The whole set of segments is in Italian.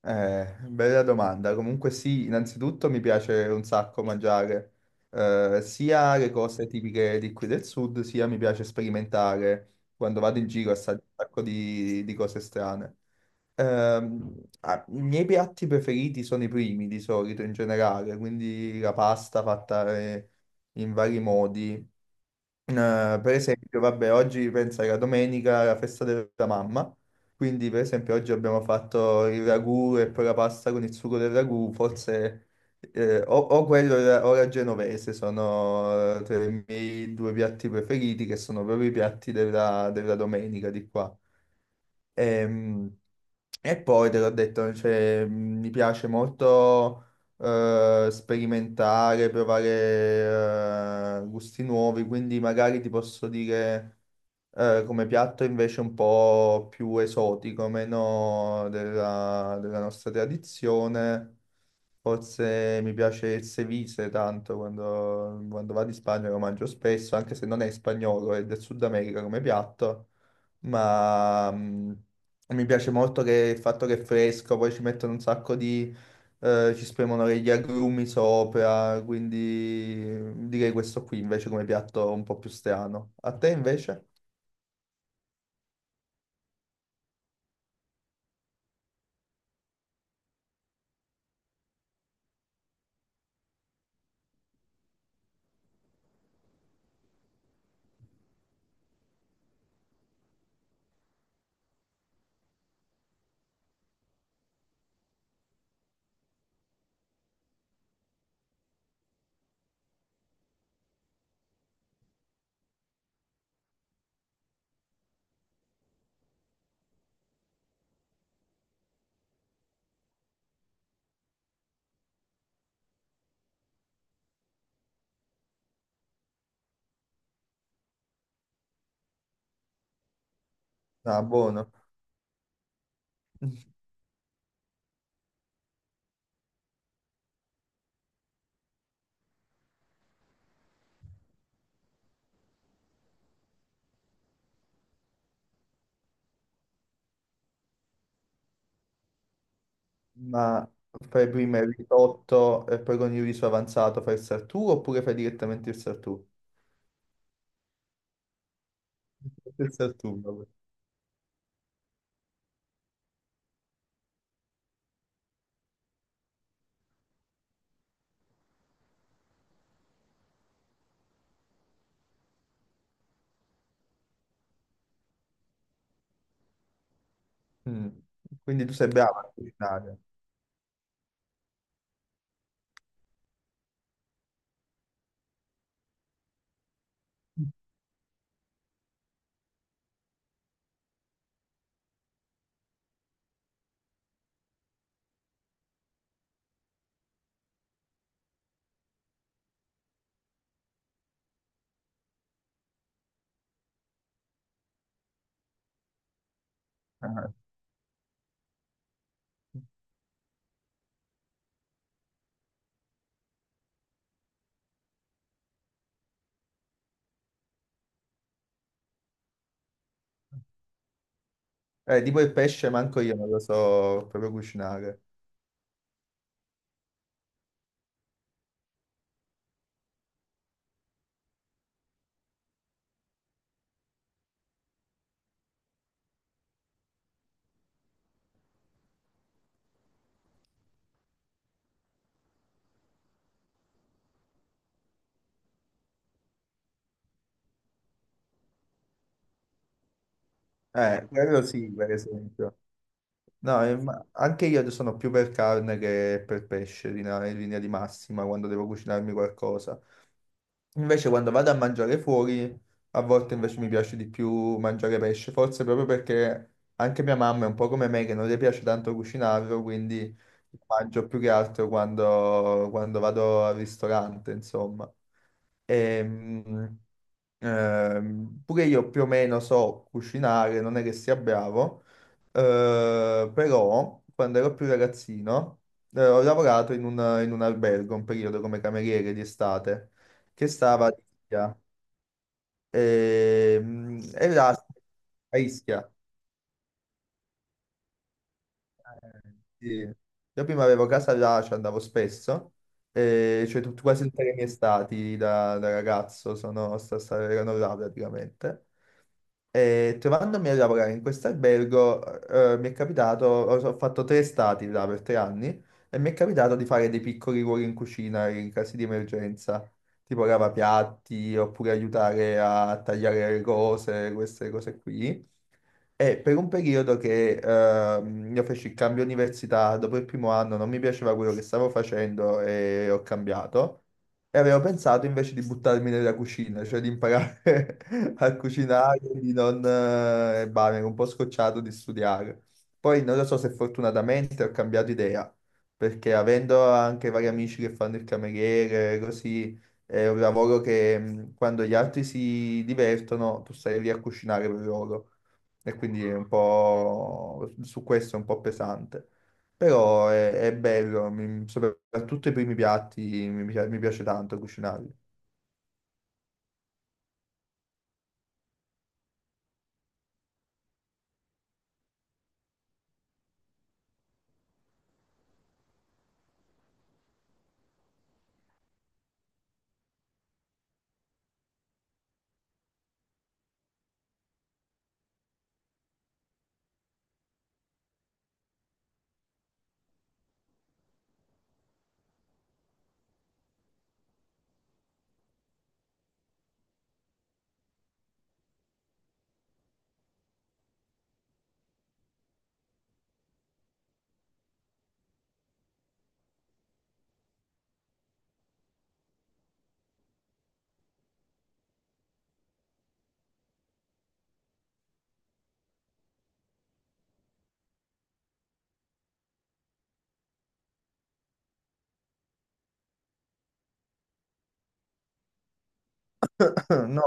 Bella domanda. Comunque sì, innanzitutto mi piace un sacco mangiare sia le cose tipiche di qui del sud, sia mi piace sperimentare quando vado in giro assaggio un sacco di cose strane. I miei piatti preferiti sono i primi di solito in generale, quindi la pasta fatta in vari modi. Eh, per esempio, vabbè, oggi pensa che la domenica è la festa della mamma, quindi per esempio oggi abbiamo fatto il ragù e poi la pasta con il sugo del ragù, forse o quello o la genovese sono tra i miei due piatti preferiti che sono proprio i piatti della domenica di qua. Ehm, E poi te l'ho detto, cioè, mi piace molto sperimentare, provare gusti nuovi, quindi magari ti posso dire come piatto invece un po' più esotico, meno della nostra tradizione. Forse mi piace il ceviche tanto quando vado in Spagna lo mangio spesso, anche se non è spagnolo, è del Sud America come piatto, ma mi piace molto che il fatto che è fresco, poi ci mettono un sacco ci spremono gli agrumi sopra, quindi direi questo qui invece come piatto un po' più strano. A te invece? Ah, buono. Ma fai prima il risotto e poi con il riso avanzato fai il sartù oppure fai direttamente il sartù? Il sartù, vabbè. Mm. Quindi tu sei brava a cucinare. Ah. Tipo il pesce, manco io non lo so proprio cucinare. Quello sì, per esempio. No, ma anche io sono più per carne che per pesce in linea di massima quando devo cucinarmi qualcosa. Invece quando vado a mangiare fuori, a volte invece mi piace di più mangiare pesce, forse proprio perché anche mia mamma è un po' come me che non le piace tanto cucinarlo, quindi mangio più che altro quando vado al ristorante, insomma. Ehm, Pure io più o meno so cucinare, non è che sia bravo, però quando ero più ragazzino ho lavorato in un albergo un periodo come cameriere di estate che stava a Ischia. E là a Ischia. Sì. Io prima avevo casa là, ci andavo spesso, e cioè quasi tutte le mie estati da ragazzo erano là praticamente. E trovandomi a lavorare in questo albergo, mi è capitato, ho fatto tre stati là per 3 anni, e mi è capitato di fare dei piccoli ruoli in cucina in casi di emergenza, tipo lavapiatti, oppure aiutare a tagliare le cose, queste cose qui. E per un periodo che io feci il cambio università, dopo il primo anno non mi piaceva quello che stavo facendo e ho cambiato. E avevo pensato invece di buttarmi nella cucina, cioè di imparare a cucinare, di non. E bah, mi ero un po' scocciato di studiare. Poi non lo so se fortunatamente ho cambiato idea, perché avendo anche vari amici che fanno il cameriere, così, è un lavoro che, quando gli altri si divertono, tu stai lì a cucinare per loro. E quindi è un po' su questo, è un po' pesante. Però è bello, mi, soprattutto i primi piatti mi piace tanto cucinarli. No,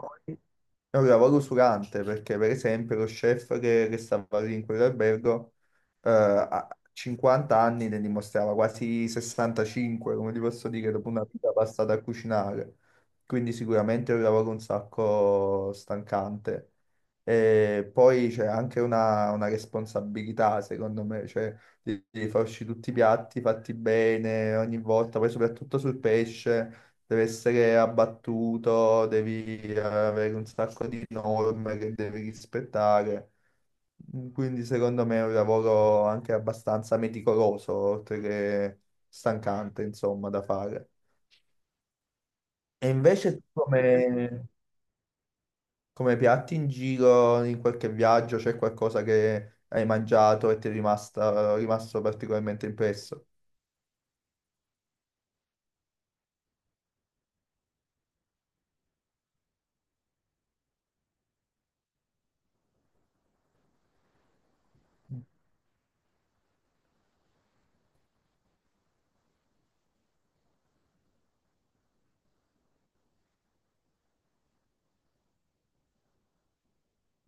è un lavoro usurante perché, per esempio, lo chef che stava lì in quell'albergo a 50 anni ne dimostrava quasi 65, come ti posso dire, dopo una vita passata a cucinare. Quindi sicuramente è un lavoro un sacco stancante. E poi c'è anche una responsabilità, secondo me, cioè di far uscire tutti i piatti fatti bene ogni volta, poi soprattutto sul pesce deve essere abbattuto, devi avere un sacco di norme che devi rispettare. Quindi secondo me è un lavoro anche abbastanza meticoloso, oltre che stancante, insomma, da fare. E invece tu come, come piatti in giro, in qualche viaggio, c'è qualcosa che hai mangiato e ti è rimasto particolarmente impresso?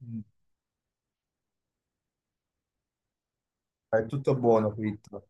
Mm. È tutto buono, fritto.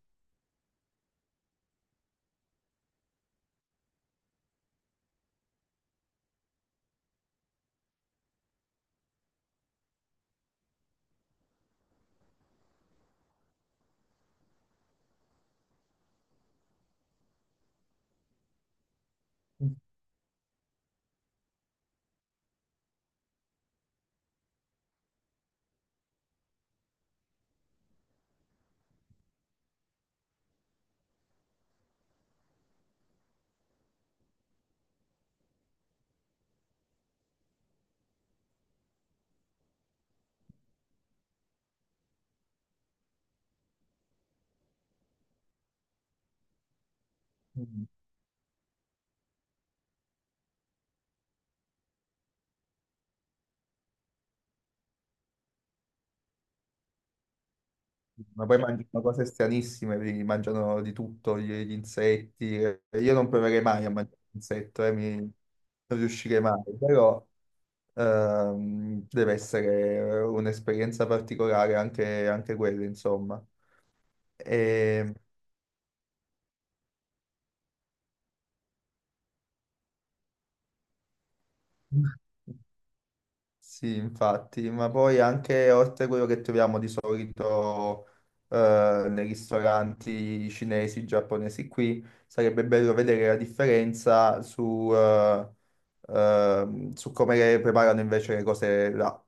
Ma poi mangiano cose stranissime, mangiano di tutto, gli insetti. Io non proverei mai a mangiare un insetto, non riuscirei mai, però deve essere un'esperienza particolare anche quella, insomma. E. Sì, infatti, ma poi anche oltre a quello che troviamo di solito nei ristoranti cinesi, giapponesi qui, sarebbe bello vedere la differenza su come le preparano invece le cose là.